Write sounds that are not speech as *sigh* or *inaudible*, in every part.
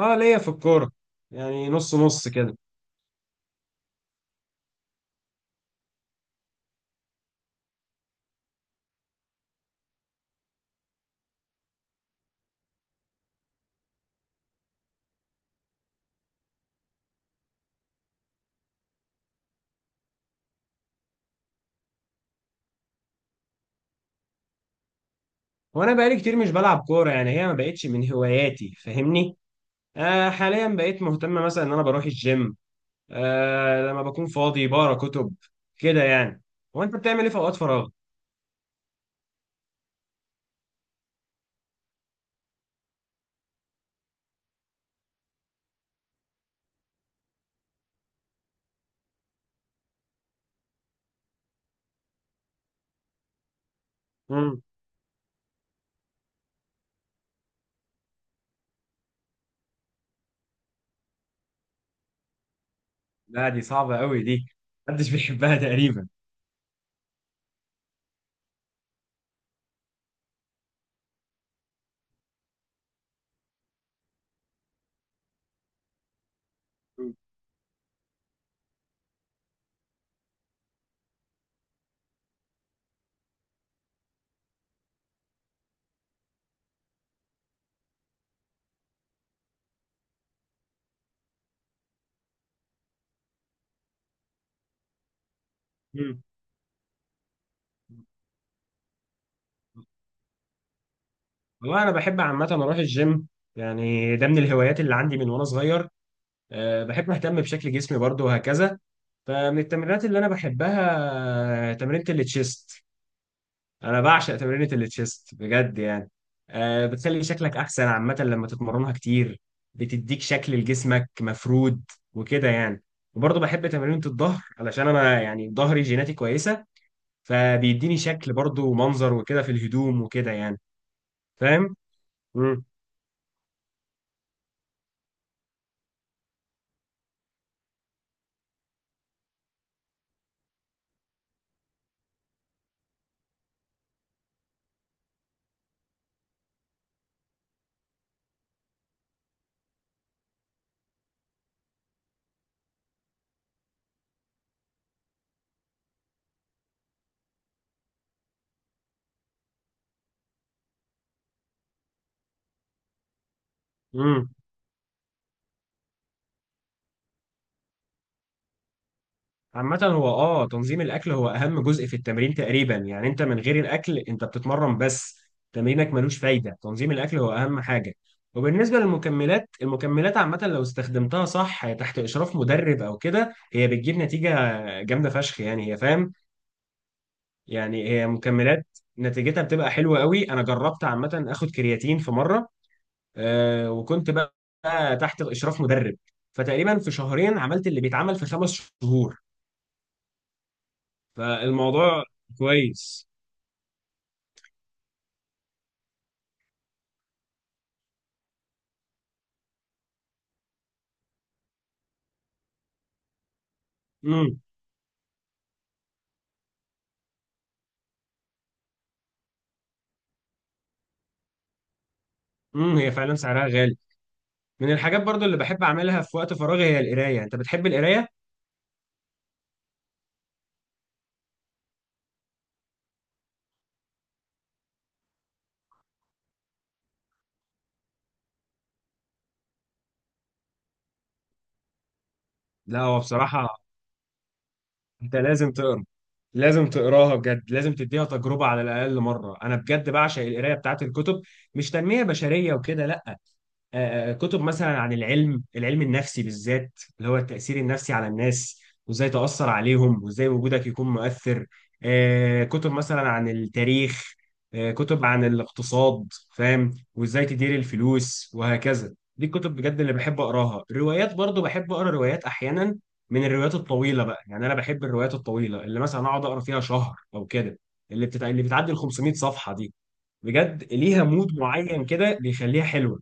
اه، ليا في الكورة. يعني نص نص كده. وانا بقالي كتير مش بلعب كورة، يعني هي ما بقتش من هواياتي، فاهمني. حاليا بقيت مهتم مثلا ان انا بروح الجيم. لما بكون فاضي بقرا كتب كده يعني. هو انت بتعمل ايه في اوقات فراغ؟ امم. لا دي صعبة قوي دي، محدش *laughs* بيحبها تقريبا. مم. مم. والله انا بحب عامه اروح الجيم، يعني ده من الهوايات اللي عندي من وانا صغير. بحب اهتم بشكل جسمي برضو وهكذا. فمن التمرينات اللي انا بحبها تمرينة التشيست، انا بعشق تمرينة التشيست بجد يعني. بتخلي شكلك احسن عامة لما تتمرنها كتير، بتديك شكل لجسمك مفرود وكده يعني. وبرضه بحب تمرينة الظهر علشان انا يعني ظهري جيناتي كويسة، فبيديني شكل برضه ومنظر وكده في الهدوم وكده يعني. فاهم؟ مم. مم. عامة هو تنظيم الاكل هو اهم جزء في التمرين تقريبا، يعني انت من غير الاكل انت بتتمرن بس، تمرينك ملوش فايدة. تنظيم الاكل هو اهم حاجة. وبالنسبة للمكملات، المكملات عامة لو استخدمتها صح تحت اشراف مدرب او كده، هي بتجيب نتيجة جامدة فشخ، يعني هي فاهم، يعني هي مكملات نتيجتها بتبقى حلوة قوي. انا جربت عامة اخد كرياتين في مرة، وكنت بقى تحت اشراف مدرب، فتقريبا في شهرين عملت اللي بيتعمل في 5 شهور، فالموضوع كويس. امم. هي فعلا سعرها غالي. من الحاجات برضو اللي بحب اعملها في وقت فراغي هي القرايه، انت بتحب القرايه؟ لا هو بصراحه انت لازم تقرا، لازم تقراها بجد، لازم تديها تجربه على الاقل مره. انا بجد بعشق القرايه بتاعت الكتب، مش تنميه بشريه وكده لا. كتب مثلا عن العلم، العلم النفسي بالذات، اللي هو التأثير النفسي على الناس، وازاي تأثر عليهم وازاي وجودك يكون مؤثر. كتب مثلا عن التاريخ. كتب عن الاقتصاد، فاهم، وازاي تدير الفلوس وهكذا. دي الكتب بجد اللي بحب أقراها. الروايات برضو بحب أقرأ روايات أحيانا، من الروايات الطويلة بقى. يعني أنا بحب الروايات الطويلة اللي مثلا أقعد أقرأ فيها شهر أو كده، اللي بتعدي ال 500 صفحة دي، بجد ليها مود معين كده بيخليها حلوة.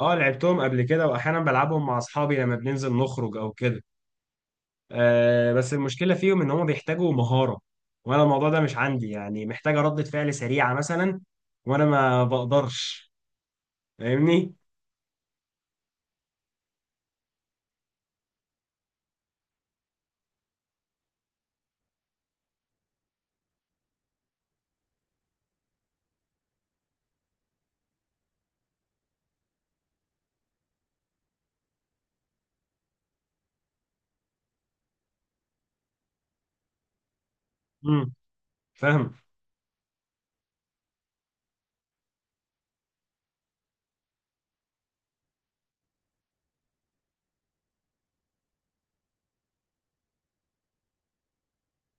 اه، لعبتهم قبل كده، واحيانا بلعبهم مع اصحابي لما بننزل نخرج او كده. بس المشكله فيهم ان هم بيحتاجوا مهاره، وانا الموضوع ده مش عندي، يعني محتاجه ردة فعل سريعه مثلا وانا ما بقدرش، فاهمني. امم. فاهم.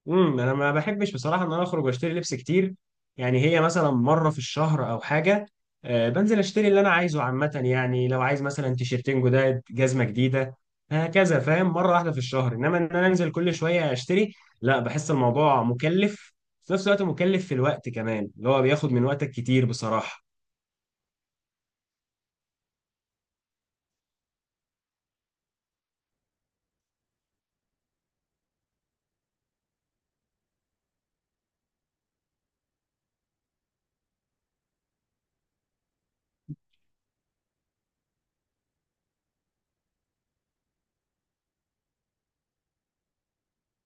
انا ما بحبش بصراحه ان انا اخرج واشتري لبس كتير. يعني هي مثلا مره في الشهر او حاجه، بنزل اشتري اللي انا عايزه عامه، يعني لو عايز مثلا تيشيرتين جداد، جزمه جديده، هكذا، فاهم؟ مره واحده في الشهر، انما ان انا انزل كل شويه اشتري، لا، بحس الموضوع مكلف، في نفس الوقت مكلف، في الوقت كمان اللي هو بياخد من وقتك كتير بصراحه.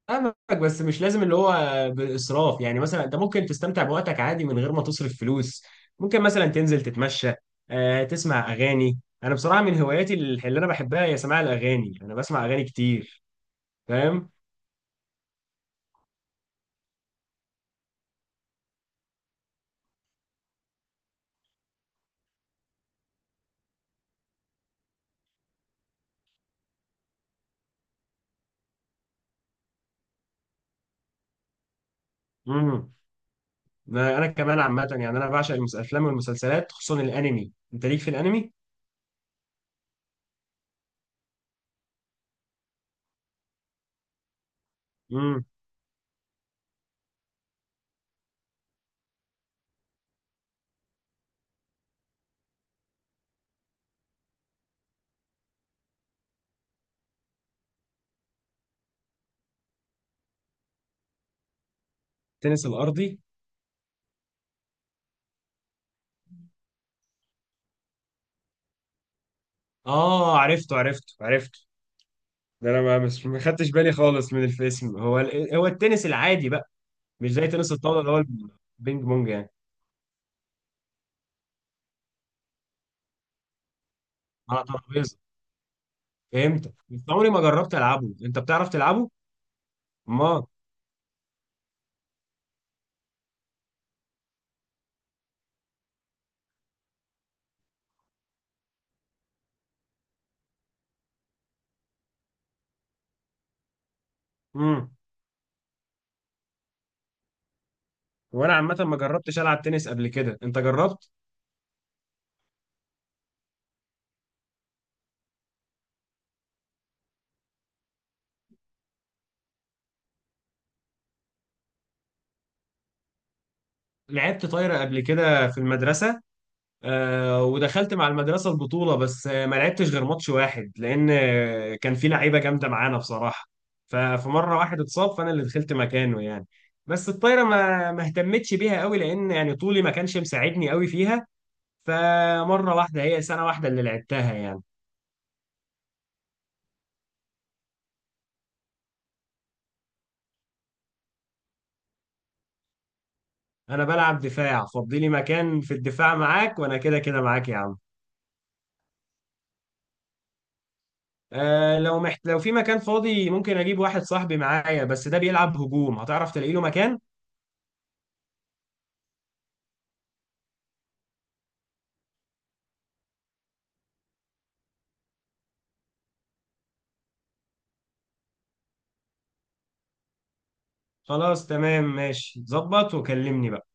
فاهمك، بس مش لازم اللي هو بإسراف. يعني مثلا انت ممكن تستمتع بوقتك عادي من غير ما تصرف فلوس، ممكن مثلا تنزل تتمشى، تسمع أغاني. انا بصراحة من هواياتي اللي انا بحبها هي سماع الأغاني، انا بسمع أغاني كتير، فاهم. امم. انا كمان عامة، يعني انا بعشق الافلام والمسلسلات، خصوصا الانمي، انت ليك في الانمي؟ امم. التنس الأرضي. اه، عرفته عرفته عرفته. ده انا ما خدتش بالي خالص من الاسم، هو هو التنس العادي بقى، مش زي تنس الطاولة اللي هو البينج بونج يعني، على ترابيزه؟ فهمت، بس عمري ما جربت العبه، انت بتعرف تلعبه؟ ما. امم. وانا عامه ما جربتش العب تنس قبل كده، انت جربت؟ لعبت طايره قبل كده في المدرسه، ودخلت مع المدرسه البطوله، بس ما لعبتش غير ماتش واحد، لان كان في لعيبه جامده معانا بصراحه، ففي مره واحد اتصاب فانا اللي دخلت مكانه يعني. بس الطايره ما اهتمتش بيها قوي، لان يعني طولي ما كانش مساعدني قوي فيها، فمره واحده هي سنه واحده اللي لعبتها يعني. انا بلعب دفاع، فضي لي مكان في الدفاع معاك، وانا كده كده معاك يا عم. لو في مكان فاضي ممكن اجيب واحد صاحبي معايا، بس ده بيلعب هجوم، هتعرف تلاقي له مكان؟ خلاص تمام ماشي، ظبط وكلمني بقى.